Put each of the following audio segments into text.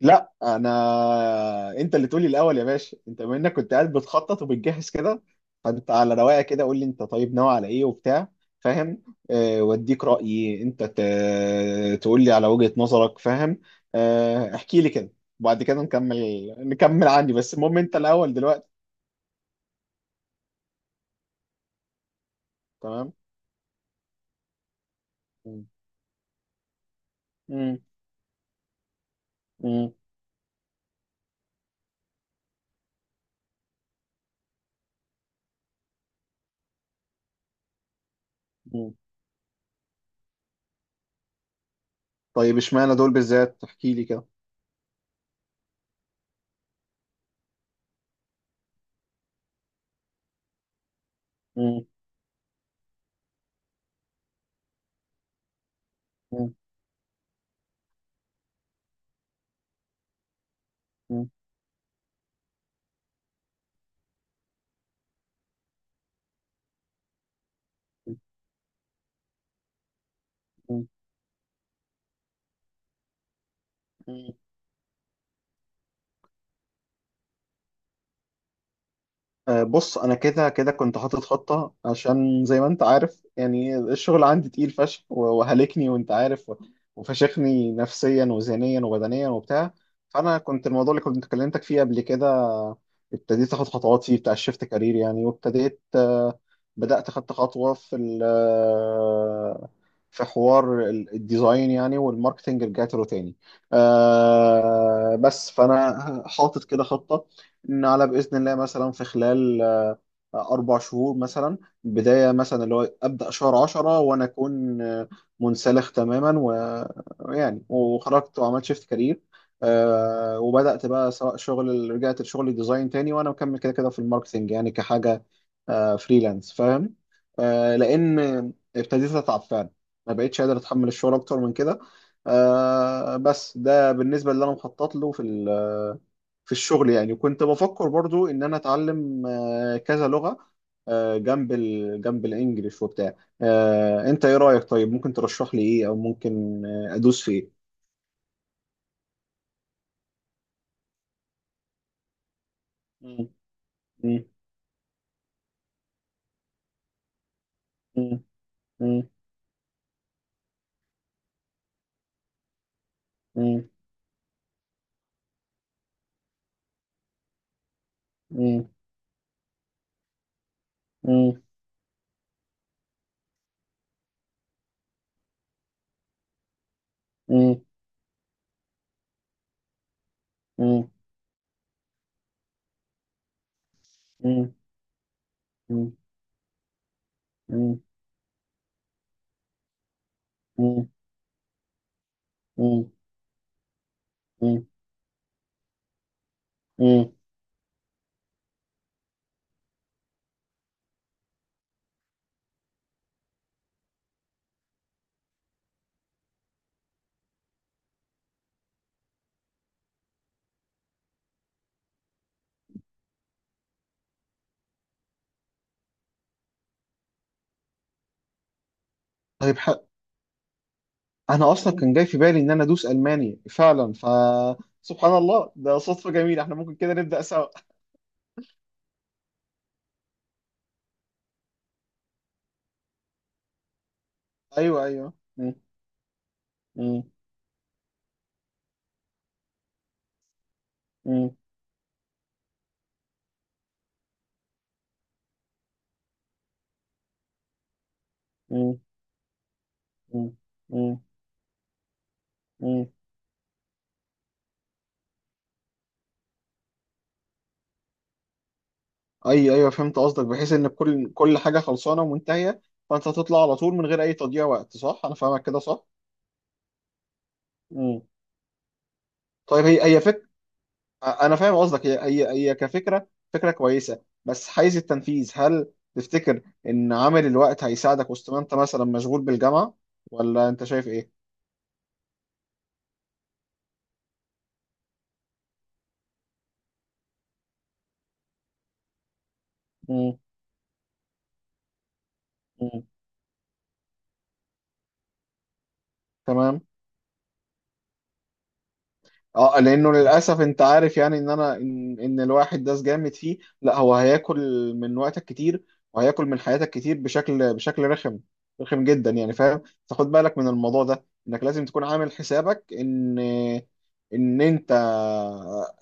لا انا. انت اللي تقولي الاول يا باشا، انت بما انك كنت قاعد بتخطط وبتجهز كده، فانت على رواقه كده قول لي انت طيب ناوي على ايه وبتاع، فاهم؟ أه، واديك رايي انت تقول لي على وجهه نظرك، فاهم؟ أه، احكي لي كده وبعد كده نكمل. نكمل عندي بس المهم انت الاول دلوقتي. تمام. مم. مم. مم. مم. طيب اشمعنى دول بالذات، احكي لي كده. مم. مم. مم. مم. بص انا كده كده كنت حاطط خطه، عشان زي ما انت عارف يعني الشغل عندي تقيل فشخ و- وهلكني وانت عارف، و- وفشخني نفسيا وذهنيا وبدنيا وبتاع. فانا كنت الموضوع اللي كنت كلمتك فيه قبل كده ابتديت اخد خطوات فيه بتاع الشيفت كارير يعني، وابتديت بدات خدت خطوه في في حوار ال- الديزاين يعني، والماركتنج رجعت له تاني. بس فانا حاطط كده خطه نعلى بإذن الله مثلا في خلال أربع شهور مثلا. بداية مثلا اللي هو أبدأ شهر عشرة وأنا أكون منسلخ تماما ويعني وخرجت وعملت شيفت كارير. وبدأت بقى سواء شغل رجعت لشغل ديزاين تاني وأنا مكمل كده كده في الماركتينج يعني كحاجة فريلانس، فاهم؟ لأن ابتديت أتعب فعلا، ما بقتش قادر أتحمل الشغل أكتر من كده. بس ده بالنسبة اللي أنا مخطط له في في الشغل. يعني كنت بفكر برضو ان انا اتعلم كذا لغة جنب الانجليش وبتاع. انت ايه رأيك؟ طيب ممكن ترشح لي ايه، او ممكن ادوس في ايه؟ مم، مم، مم، مم، مم، مم، مم، مم، مم، مم، مم، مم، مم، مم، مم، مم. طيب انا اصلا كان جاي في بالي ان انا ادوس الماني فعلا، ف سبحان الله ده صدفة جميلة، احنا ممكن كده نبدأ سوا. ايوه، ايوه. مم. مم. مم. مم. مم. مم. ايوه، ايوه، فهمت قصدك، بحيث ان كل حاجه خلصانه ومنتهيه، فانت تطلع على طول من غير اي تضييع وقت. صح؟ انا فاهمك كده، صح؟ مم. طيب هي هي فك انا فاهم قصدك، هي كفكره، فكره كويسه، بس حيز التنفيذ هل تفتكر ان عامل الوقت هيساعدك وسط ما انت مثلا مشغول بالجامعه، ولا انت شايف ايه؟ مم. مم. تمام. اه، لانه للاسف انت عارف يعني ان إن الواحد ده جامد فيه، لا هو هياكل من وقتك كتير، وهياكل من حياتك كتير بشكل رخم. رخم جدا يعني، فاهم؟ فخد بالك من الموضوع ده انك لازم تكون عامل حسابك ان انت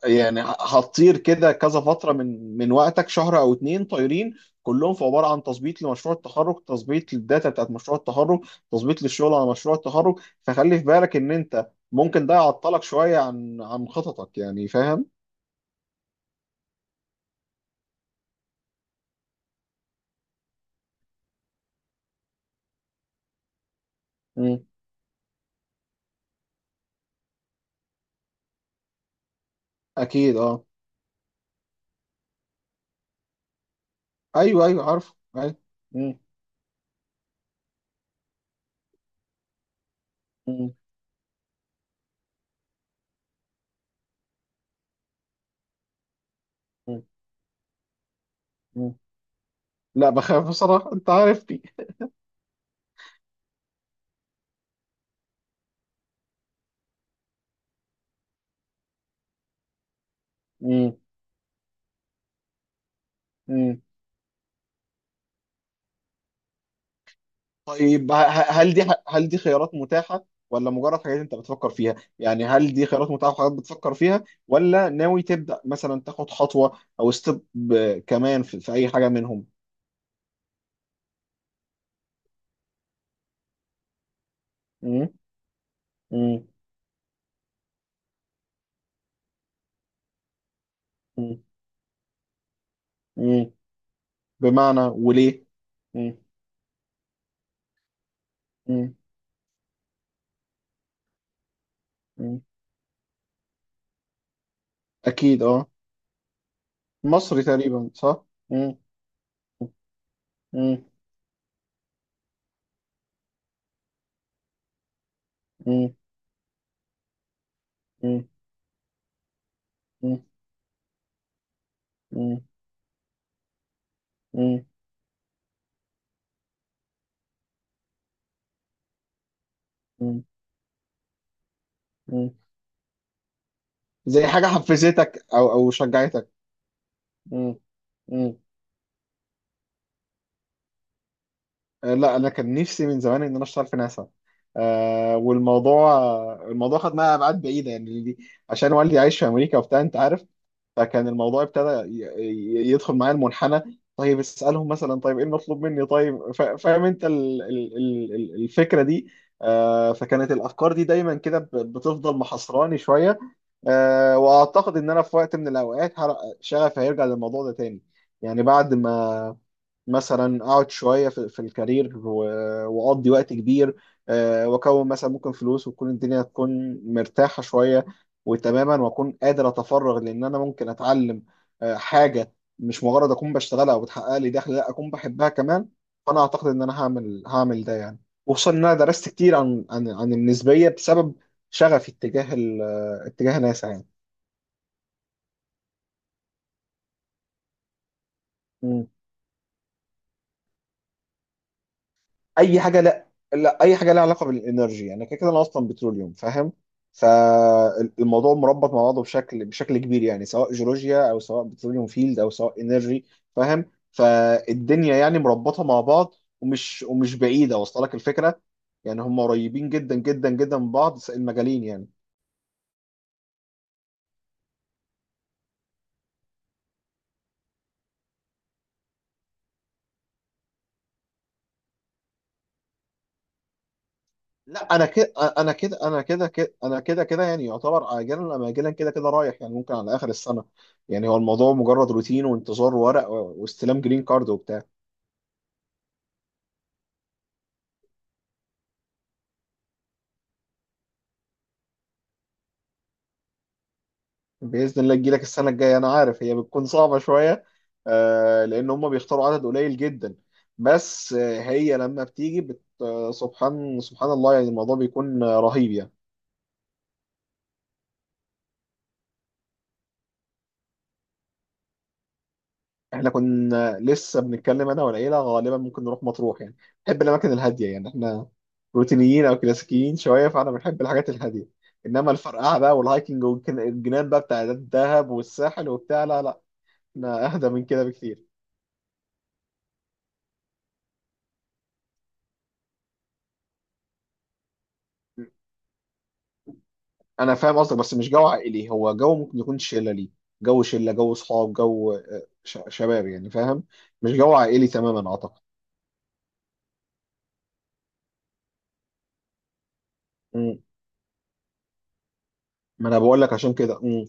يعني هتطير كده كذا فتره من وقتك، شهر او اتنين طايرين، كلهم في عباره عن تظبيط لمشروع التخرج، تظبيط للداتا بتاعت مشروع التخرج، تظبيط للشغل على مشروع التخرج. فخلي في بالك ان انت ممكن ده يعطلك شوية عن خططك، يعني فاهم؟ مم. أكيد أه. أيوه أيوه، عارف، أيوه. مم. مم. مم. مم. لا بخاف بصراحة، أنت عارفني. مم. مم. طيب هل دي خيارات متاحة، ولا مجرد حاجات أنت بتفكر فيها؟ يعني هل دي خيارات متاحة وحاجات بتفكر فيها، ولا ناوي تبدأ مثلا تاخد خطوة أو ستيب كمان في أي حاجة منهم؟ مم. مم. مم. مم. بمعنى وليه؟ مم. مم. مم. أكيد أه. مصري تقريبا، صح؟ مم. مم. مم. مم. مم. مم. مم. مم. مم. زي حاجة حفزتك أو أو شجعتك. مم. مم. لا أنا كان نفسي من زمان إن أنا أشتغل في ناسا. آه، والموضوع الموضوع خد معايا أبعاد بعيدة يعني عشان والدي عايش في أمريكا وبتاع أنت عارف. فكان الموضوع ابتدى يدخل معايا المنحنى، طيب اسألهم مثلا، طيب ايه المطلوب مني، طيب فاهم انت ال- ال- ال- ال- الفكرة دي. فكانت الافكار دي دايما كده بتفضل محصراني شوية. واعتقد ان انا في وقت من الاوقات شغفي هيرجع للموضوع ده تاني، يعني بعد ما مثلا اقعد شويه في الكارير و- واقضي وقت كبير. واكون مثلا ممكن فلوس، وتكون الدنيا تكون مرتاحه شويه وتماما، واكون قادر اتفرغ لان انا ممكن اتعلم حاجه مش مجرد اكون بشتغلها وبتحقق لي دخل، لا اكون بحبها كمان. فانا اعتقد ان انا هعمل ده يعني. وخصوصا ان انا درست كتير عن النسبيه بسبب شغفي اتجاه اتجاه ناسا. يعني اي حاجه. لا، لا اي حاجه لها علاقه بالانرجي، يعني كده كده انا اصلا بتروليوم، فاهم؟ فالموضوع مربط مع بعضه بشكل كبير يعني، سواء جيولوجيا او سواء بتروليوم فيلد او سواء انرجي، فاهم؟ فالدنيا يعني مربطه مع بعض، ومش بعيده، واصله لك الفكره؟ يعني هم قريبين جدا جدا جدا من بعض المجالين يعني. لا انا كده. انا كده كده يعني يعتبر اجلا ام اجلا، كده كده رايح يعني، ممكن على اخر السنه. يعني هو الموضوع مجرد روتين وانتظار ورق واستلام جرين كارد وبتاع. باذن الله تجيلك السنه الجايه، انا عارف هي بتكون صعبه شويه، لان هم بيختاروا عدد قليل جدا. بس هي لما بتيجي بت... آه، سبحان سبحان الله، يعني الموضوع بيكون رهيب يعني. احنا كنا لسه بنتكلم انا والعيله، غالبا ممكن نروح مطروح يعني. بنحب الاماكن الهاديه يعني، احنا روتينيين او كلاسيكيين شويه، فانا بنحب الحاجات الهاديه. انما الفرقعه بقى والهايكنج والجنان بقى بتاع الدهب والساحل وبتاع، لا لا، احنا اهدى من كده بكتير. انا فاهم قصدك، بس مش جو عائلي، هو جو ممكن يكون شله ليه، جو شله، جو صحاب، جو شباب يعني فاهم، مش جو عائلي تماما اعتقد. مم. ما انا بقول لك عشان كده. مم.